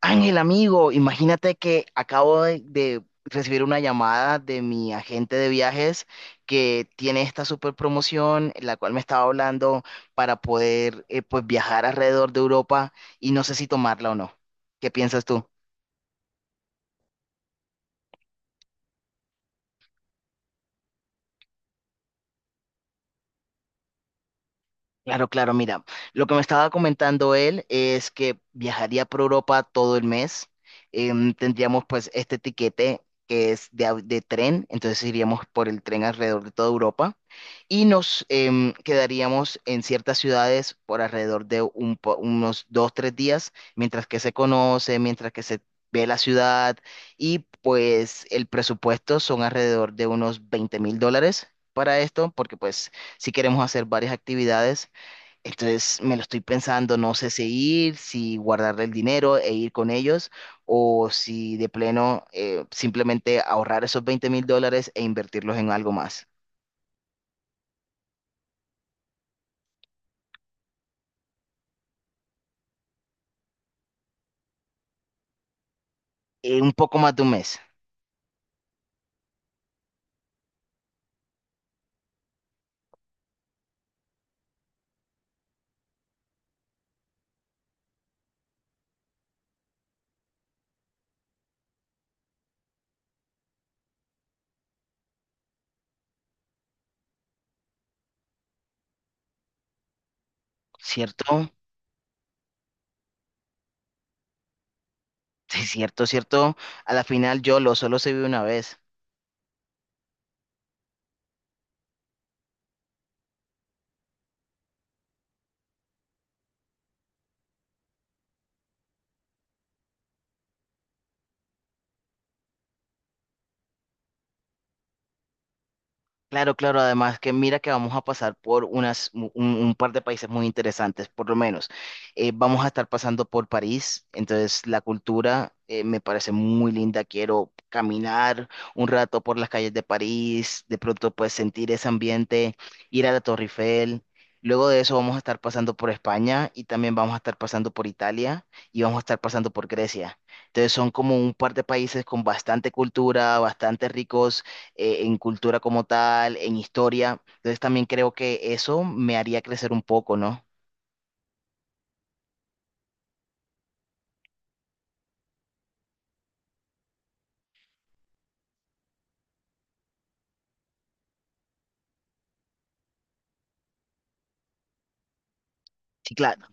Ángel, amigo, imagínate que acabo de recibir una llamada de mi agente de viajes que tiene esta super promoción, la cual me estaba hablando para poder pues viajar alrededor de Europa y no sé si tomarla o no. ¿Qué piensas tú? Claro, claro, mira, lo que me estaba comentando él es que viajaría por Europa todo el mes. Tendríamos pues este tiquete que es de tren. Entonces iríamos por el tren alrededor de toda Europa y nos quedaríamos en ciertas ciudades por alrededor de unos 2, 3 días, mientras que se conoce, mientras que se ve la ciudad. Y pues el presupuesto son alrededor de unos $20.000 para esto, porque pues si queremos hacer varias actividades. Entonces me lo estoy pensando, no sé si ir, si guardarle el dinero e ir con ellos, o si de pleno simplemente ahorrar esos $20.000 e invertirlos en algo más. Un poco más de un mes, ¿cierto? Sí, cierto, cierto. A la final yo lo solo se vive una vez. Claro, claro, además que mira que vamos a pasar por un par de países muy interesantes, por lo menos. Vamos a estar pasando por París. Entonces la cultura me parece muy linda. Quiero caminar un rato por las calles de París, de pronto pues sentir ese ambiente, ir a la Torre Eiffel. Luego de eso vamos a estar pasando por España y también vamos a estar pasando por Italia y vamos a estar pasando por Grecia. Entonces son como un par de países con bastante cultura, bastante ricos en cultura como tal, en historia. Entonces también creo que eso me haría crecer un poco, ¿no? Sí, claro.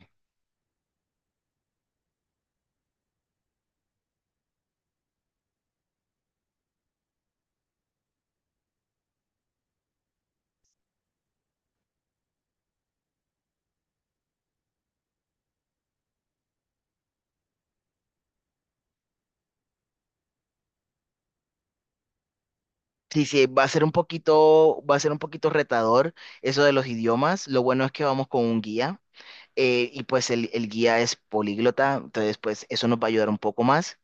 Sí, sí, va a ser un poquito, va a ser un poquito retador eso de los idiomas. Lo bueno es que vamos con un guía y pues el guía es políglota. Entonces pues eso nos va a ayudar un poco más.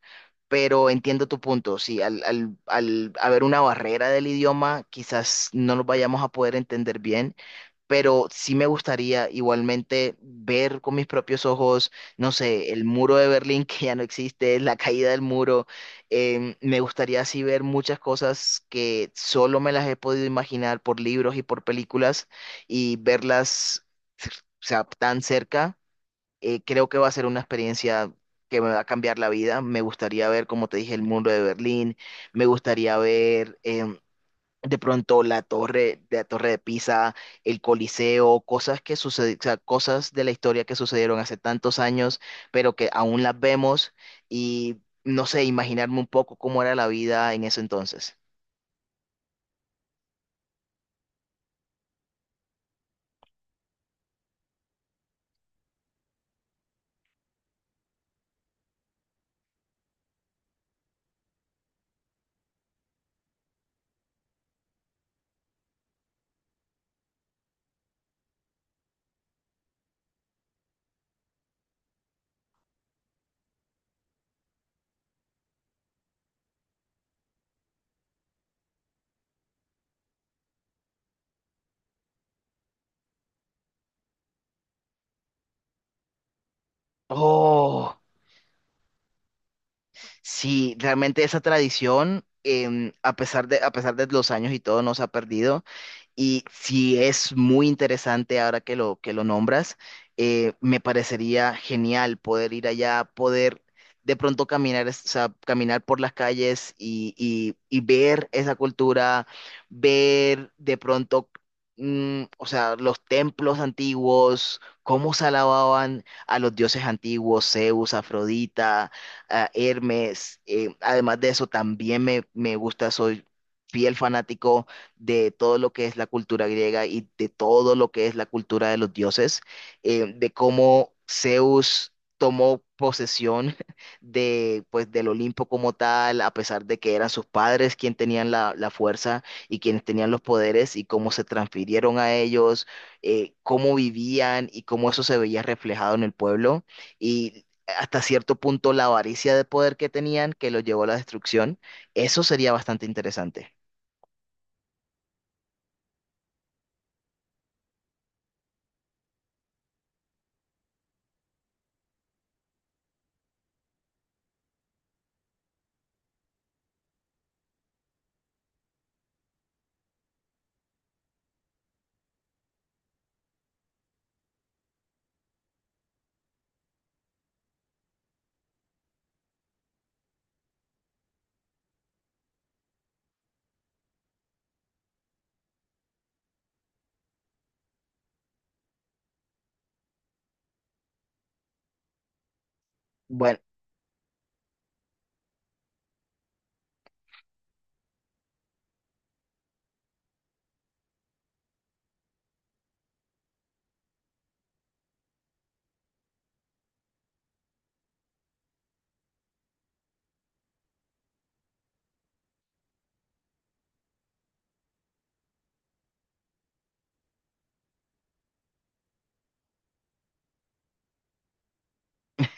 Pero entiendo tu punto, sí, al haber una barrera del idioma, quizás no nos vayamos a poder entender bien, pero sí me gustaría igualmente ver con mis propios ojos, no sé, el muro de Berlín que ya no existe, la caída del muro. Me gustaría así ver muchas cosas que solo me las he podido imaginar por libros y por películas y verlas, o sea, tan cerca. Creo que va a ser una experiencia que me va a cambiar la vida. Me gustaría ver, como te dije, el muro de Berlín. Me gustaría ver... em, de pronto la torre de Pisa, el Coliseo, o sea, cosas de la historia que sucedieron hace tantos años, pero que aún las vemos y no sé, imaginarme un poco cómo era la vida en ese entonces. Oh. Sí, realmente esa tradición, a pesar de los años y todo, no se ha perdido. Y sí es muy interesante ahora que lo nombras. Me parecería genial poder ir allá, poder de pronto caminar, o sea, caminar por las calles y ver esa cultura, ver de pronto, o sea, los templos antiguos, cómo se alababan a los dioses antiguos, Zeus, Afrodita, a Hermes. Además de eso, también me gusta, soy fiel fanático de todo lo que es la cultura griega y de todo lo que es la cultura de los dioses. De cómo Zeus tomó posesión del Olimpo como tal, a pesar de que eran sus padres quienes tenían la fuerza y quienes tenían los poderes y cómo se transfirieron a ellos, cómo vivían y cómo eso se veía reflejado en el pueblo. Y hasta cierto punto la avaricia de poder que tenían que lo llevó a la destrucción. Eso sería bastante interesante. Bueno,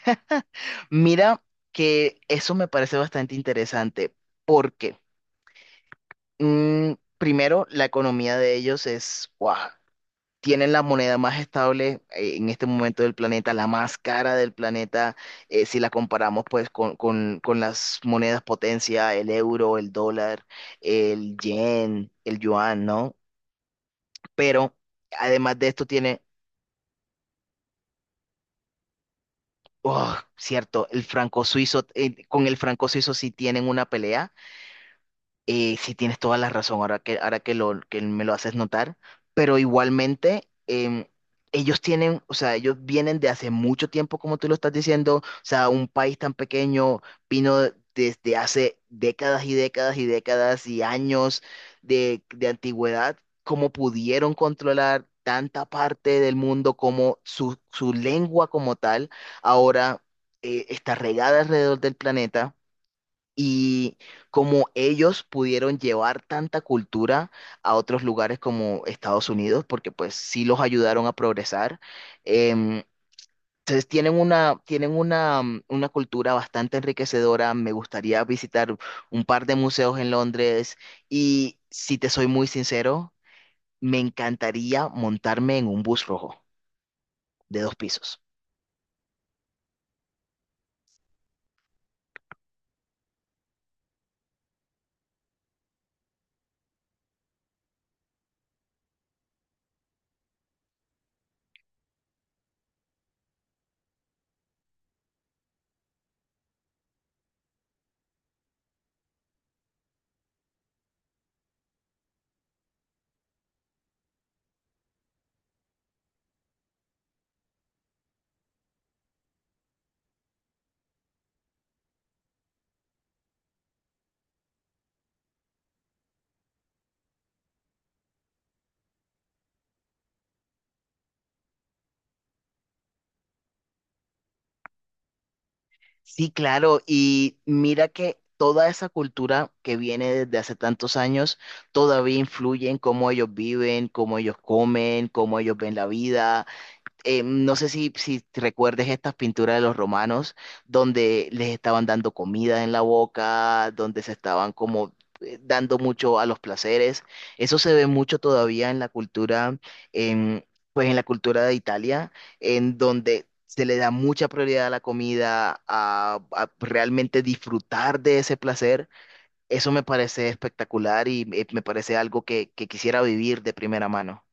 mira que eso me parece bastante interesante porque primero la economía de ellos es, wow, tienen la moneda más estable en este momento del planeta, la más cara del planeta. Si la comparamos pues con, las monedas potencia, el euro, el dólar, el yen, el yuan, ¿no? Pero además de esto tiene, oh, cierto, el franco suizo. Con el franco suizo sí tienen una pelea. Sí tienes toda la razón ahora que me lo haces notar, pero igualmente ellos tienen, o sea, ellos vienen de hace mucho tiempo, como tú lo estás diciendo, o sea, un país tan pequeño vino desde hace décadas y décadas y décadas y años de antigüedad. Cómo pudieron controlar tanta parte del mundo, como su lengua como tal ahora está regada alrededor del planeta, y como ellos pudieron llevar tanta cultura a otros lugares como Estados Unidos, porque pues sí los ayudaron a progresar. em, entonces tienen una cultura bastante enriquecedora. Me gustaría visitar un par de museos en Londres y si te soy muy sincero, me encantaría montarme en un bus rojo de dos pisos. Sí, claro, y mira que toda esa cultura que viene desde hace tantos años todavía influye en cómo ellos viven, cómo ellos comen, cómo ellos ven la vida. No sé si, recuerdes estas pinturas de los romanos, donde les estaban dando comida en la boca, donde se estaban como dando mucho a los placeres. Eso se ve mucho todavía en la cultura, en, en la cultura de Italia, en donde se le da mucha prioridad a la comida, a realmente disfrutar de ese placer. Eso me parece espectacular y me parece algo que quisiera vivir de primera mano.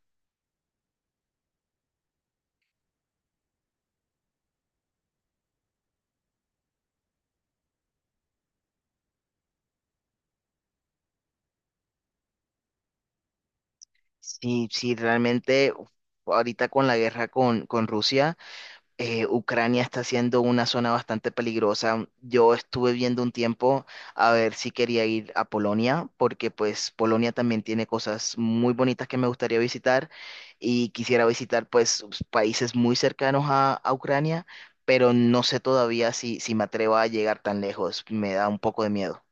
Sí, sí, realmente uf, ahorita con la guerra con Rusia. Ucrania está siendo una zona bastante peligrosa. Yo estuve viendo un tiempo a ver si quería ir a Polonia, porque pues Polonia también tiene cosas muy bonitas que me gustaría visitar y quisiera visitar pues países muy cercanos a Ucrania, pero no sé todavía si me atrevo a llegar tan lejos. Me da un poco de miedo.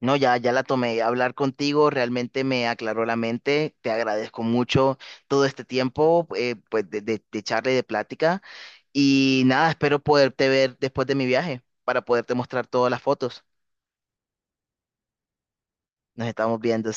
No, ya, ya la tomé. Hablar contigo realmente me aclaró la mente. Te agradezco mucho todo este tiempo. Pues, de charla y de plática. Y nada, espero poderte ver después de mi viaje para poderte mostrar todas las fotos. Nos estamos viendo.